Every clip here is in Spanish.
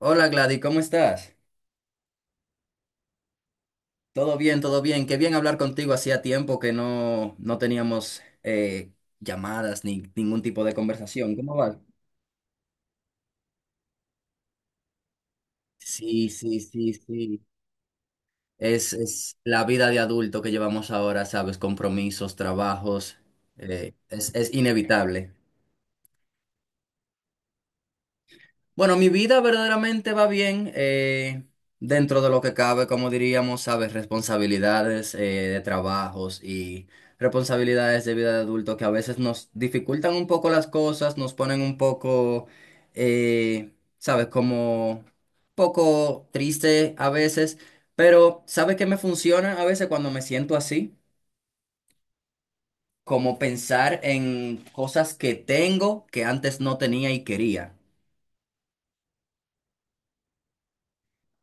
Hola Gladys, ¿cómo estás? Todo bien, todo bien. Qué bien hablar contigo. Hacía tiempo que no teníamos llamadas ni ningún tipo de conversación. ¿Cómo vas? Sí, sí, sí, sí. Es la vida de adulto que llevamos ahora, ¿sabes? Compromisos, trabajos. Es inevitable. Bueno, mi vida verdaderamente va bien dentro de lo que cabe, como diríamos, sabes, responsabilidades de trabajos y responsabilidades de vida de adulto que a veces nos dificultan un poco las cosas, nos ponen un poco, eh, sabes, como poco triste a veces, pero ¿sabes qué me funciona a veces cuando me siento así? Como pensar en cosas que tengo que antes no tenía y quería.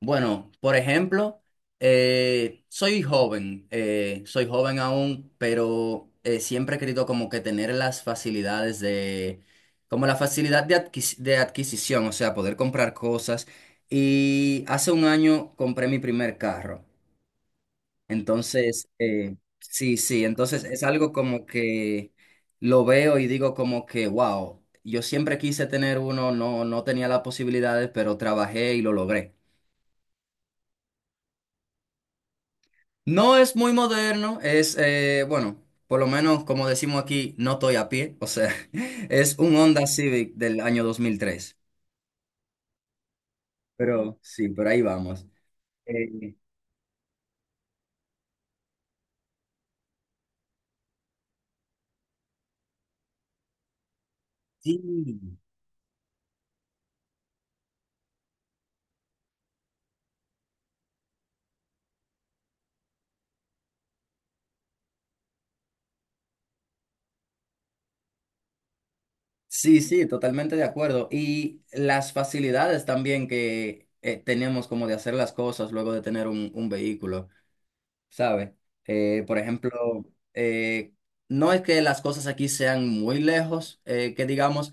Bueno, por ejemplo, soy joven aún, pero siempre he querido como que tener las facilidades de, como la facilidad de adquisición, o sea, poder comprar cosas. Y hace un año compré mi primer carro. Entonces, sí, sí, entonces es algo como que lo veo y digo como que, wow, yo siempre quise tener uno, no tenía las posibilidades, pero trabajé y lo logré. No es muy moderno, bueno, por lo menos como decimos aquí, no estoy a pie, o sea, es un Honda Civic del año 2003, pero sí, por ahí vamos. Eh, sí, sí, sí, totalmente de acuerdo. Y las facilidades también que tenemos como de hacer las cosas luego de tener un vehículo. ¿Sabes? Por ejemplo, eh, no es que las cosas aquí sean muy lejos, que digamos,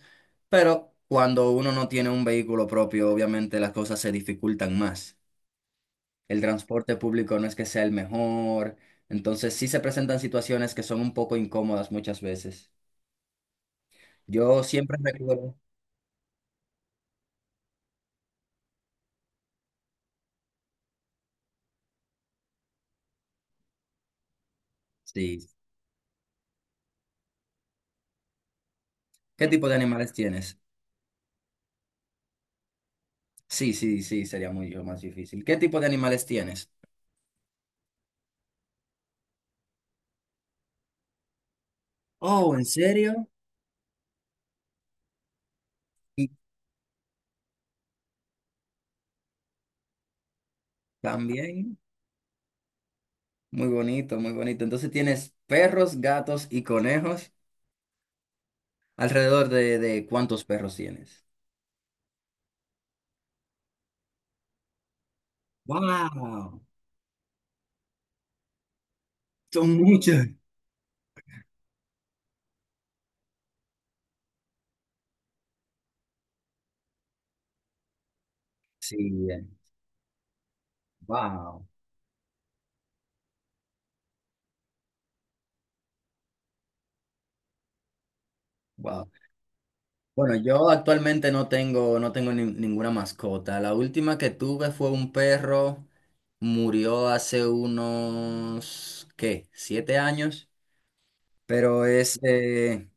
pero cuando uno no tiene un vehículo propio, obviamente las cosas se dificultan más. El transporte público no es que sea el mejor, entonces sí se presentan situaciones que son un poco incómodas muchas veces. Yo siempre recuerdo, sí, ¿qué tipo de animales tienes? Sí, sí, sí, sería mucho más difícil. ¿Qué tipo de animales tienes? Oh, ¿en serio? Y también. Muy bonito, muy bonito. Entonces tienes perros, gatos y conejos. ¿Alrededor de cuántos perros tienes? ¡Wow! Son muchos. Sí, wow, wow. Bueno, yo actualmente no tengo ninguna mascota. La última que tuve fue un perro, murió hace unos, ¿qué? 7 años, pero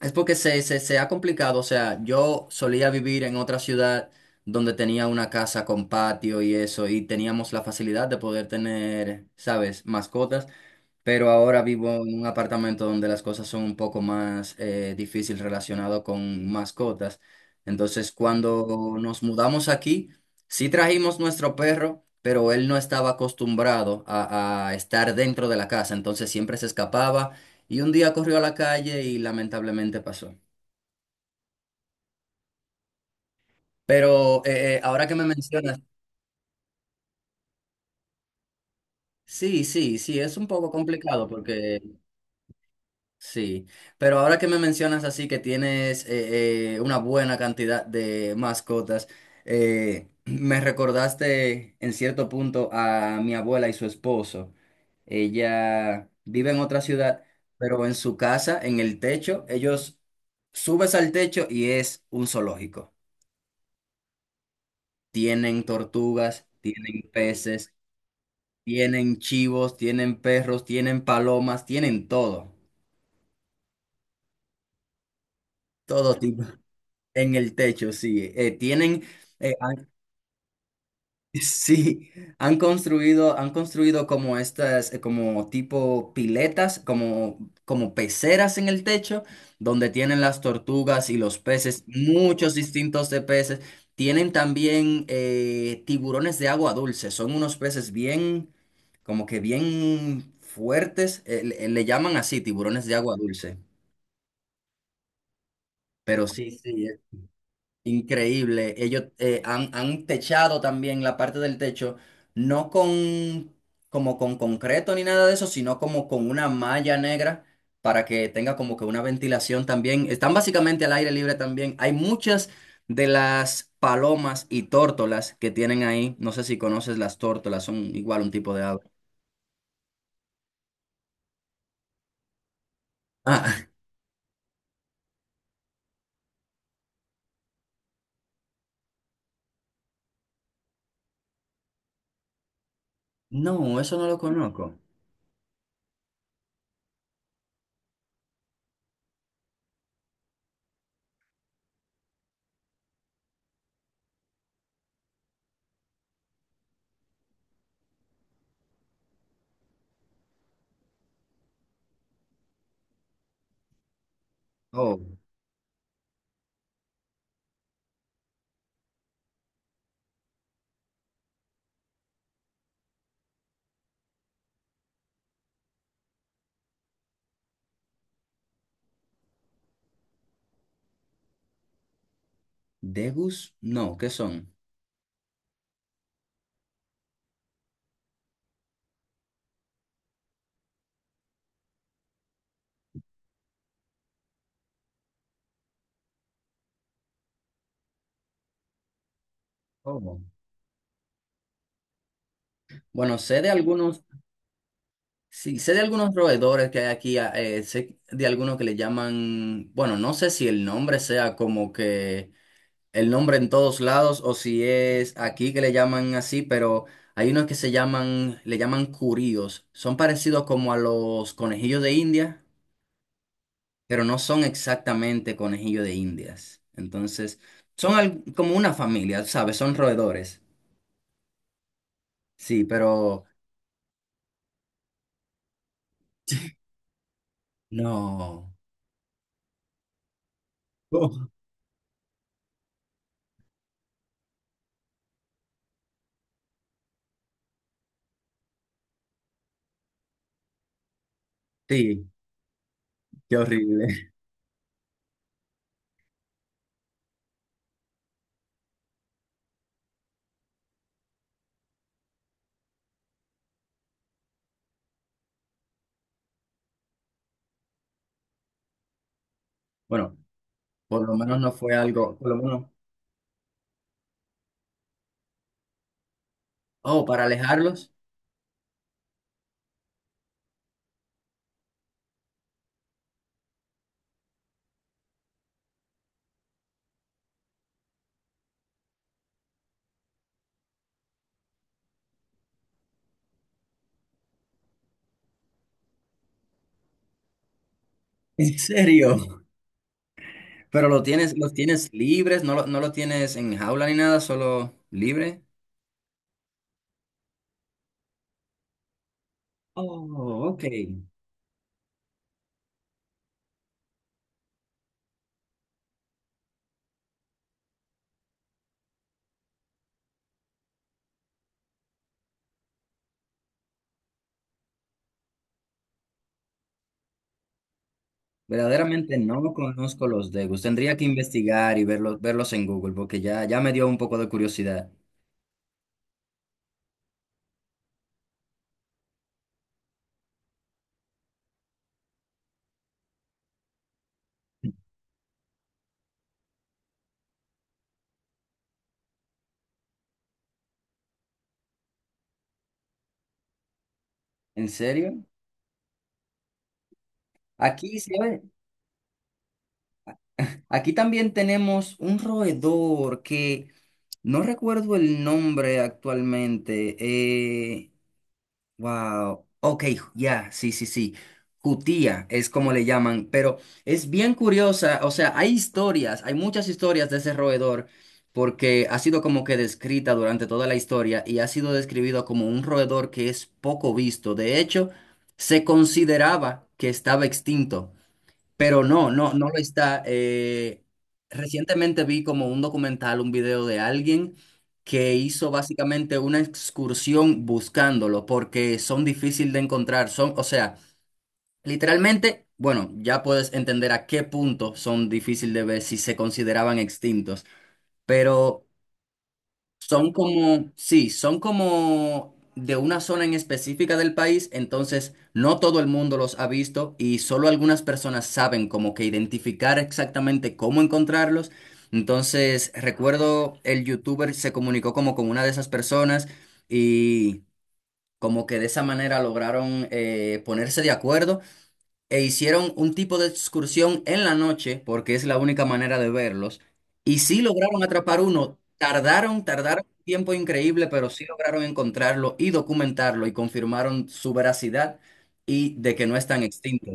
es porque se ha complicado, o sea, yo solía vivir en otra ciudad donde tenía una casa con patio y eso, y teníamos la facilidad de poder tener, ¿sabes?, mascotas, pero ahora vivo en un apartamento donde las cosas son un poco más difícil relacionado con mascotas. Entonces, cuando nos mudamos aquí, sí trajimos nuestro perro, pero él no estaba acostumbrado a estar dentro de la casa, entonces siempre se escapaba y un día corrió a la calle y lamentablemente pasó. Pero ahora que me mencionas, sí, sí, sí, es un poco complicado porque. Sí, pero ahora que me mencionas así que tienes una buena cantidad de mascotas, me recordaste en cierto punto a mi abuela y su esposo. Ella vive en otra ciudad, pero en su casa, en el techo, ellos subes al techo y es un zoológico. Tienen tortugas, tienen peces, tienen chivos, tienen perros, tienen palomas, tienen todo, todo tipo. En el techo, sí. Eh, han- sí, han construido como estas, como tipo piletas, como peceras en el techo, donde tienen las tortugas y los peces, muchos distintos de peces. Tienen también tiburones de agua dulce, son unos peces bien, como que bien fuertes, le llaman así, tiburones de agua dulce. Pero sí, sí. Increíble. Ellos han techado también la parte del techo, no con como con concreto ni nada de eso, sino como con una malla negra para que tenga como que una ventilación también. Están básicamente al aire libre también. Hay muchas de las palomas y tórtolas que tienen ahí. No sé si conoces las tórtolas, son igual un tipo de ave. Ah, no, eso no lo conozco. Oh, Degus, no, ¿qué son? Oh. Bueno, sé de algunos. Sí, sé de algunos roedores que hay aquí, sé de algunos que le llaman, bueno, no sé si el nombre sea como que el nombre en todos lados o si es aquí que le llaman así, pero hay unos que le llaman curíos. Son parecidos como a los conejillos de India, pero no son exactamente conejillos de Indias. Entonces, son como una familia, ¿sabes? Son roedores. Sí, pero no. Sí, qué horrible. Bueno. Por lo menos no fue algo, por lo menos, oh, para alejarlos. ¿En serio? Pero los tienes libres, no lo tienes en jaula ni nada, solo libre. Oh, ok. Verdaderamente no conozco los Degus. Tendría que investigar y verlos, en Google, porque ya me dio un poco de curiosidad. ¿En serio? Aquí, ¿sabe? Aquí también tenemos un roedor que no recuerdo el nombre actualmente. Wow, ok, ya, sí, sí, sí. Jutía es como le llaman, pero es bien curiosa, o sea, hay muchas historias de ese roedor, porque ha sido como que descrita durante toda la historia y ha sido describido como un roedor que es poco visto. De hecho, se consideraba que estaba extinto. Pero no lo está. Recientemente vi como un documental, un video de alguien que hizo básicamente una excursión buscándolo porque son difíciles de encontrar. O sea, literalmente, bueno, ya puedes entender a qué punto son difíciles de ver si se consideraban extintos. Pero sí, son como de una zona en específica del país, entonces no todo el mundo los ha visto y solo algunas personas saben como que identificar exactamente cómo encontrarlos. Entonces, recuerdo el youtuber se comunicó como con una de esas personas y como que de esa manera lograron ponerse de acuerdo e hicieron un tipo de excursión en la noche, porque es la única manera de verlos, y sí lograron atrapar uno. Tardaron un tiempo increíble, pero sí lograron encontrarlo y documentarlo y confirmaron su veracidad y de que no están extintos.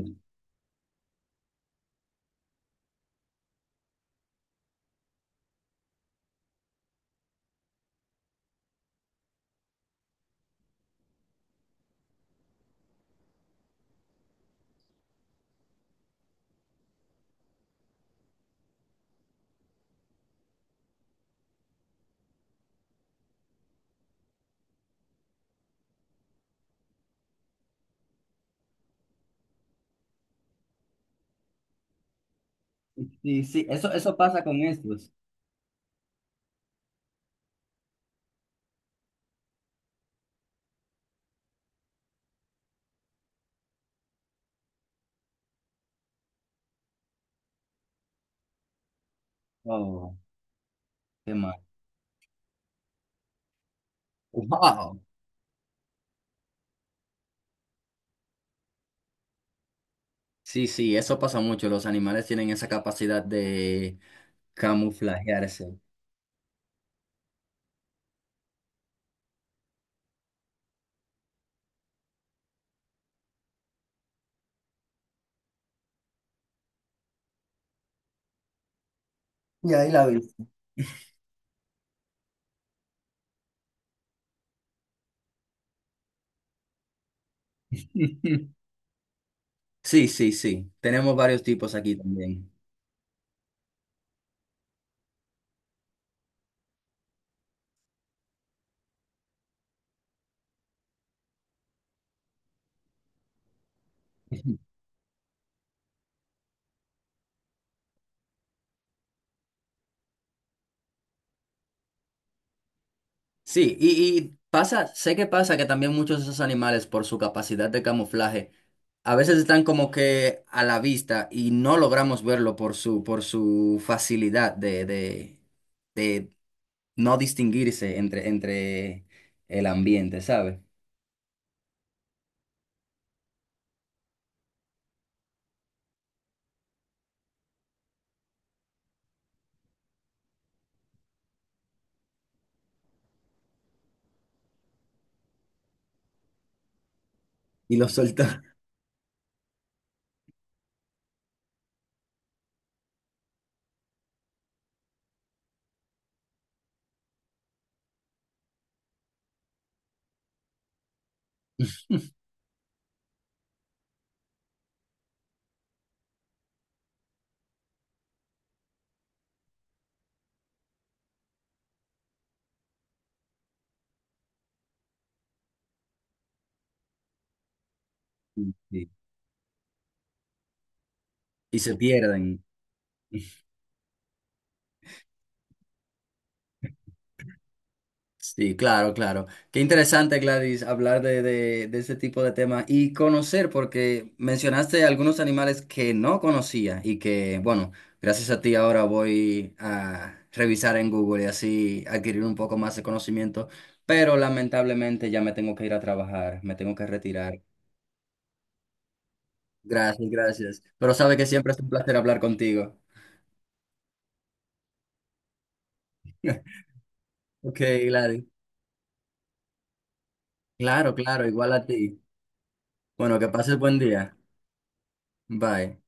Sí, sí, eso pasa con estos. Oh, qué mal. Wow. Sí, sí, eso pasa mucho. Los animales tienen esa capacidad de camuflajearse. Y ahí la vi. Sí, sí, sí. Tenemos varios tipos aquí también. Sí, y pasa, sé que pasa que también muchos de esos animales, por su capacidad de camuflaje, a veces están como que a la vista y no logramos verlo por su facilidad de no distinguirse entre el ambiente, ¿sabes? Y los soltamos y y se pierden. Sí, claro, claro. Qué interesante, Gladys, hablar de este tipo de temas y conocer, porque mencionaste algunos animales que no conocía y que, bueno, gracias a ti ahora voy a revisar en Google y así adquirir un poco más de conocimiento, pero lamentablemente ya me tengo que ir a trabajar, me tengo que retirar. Gracias, gracias. Pero sabe que siempre es un placer hablar contigo. Ok, Gladys. Claro, claro, igual a ti. Bueno, que pases buen día. Bye.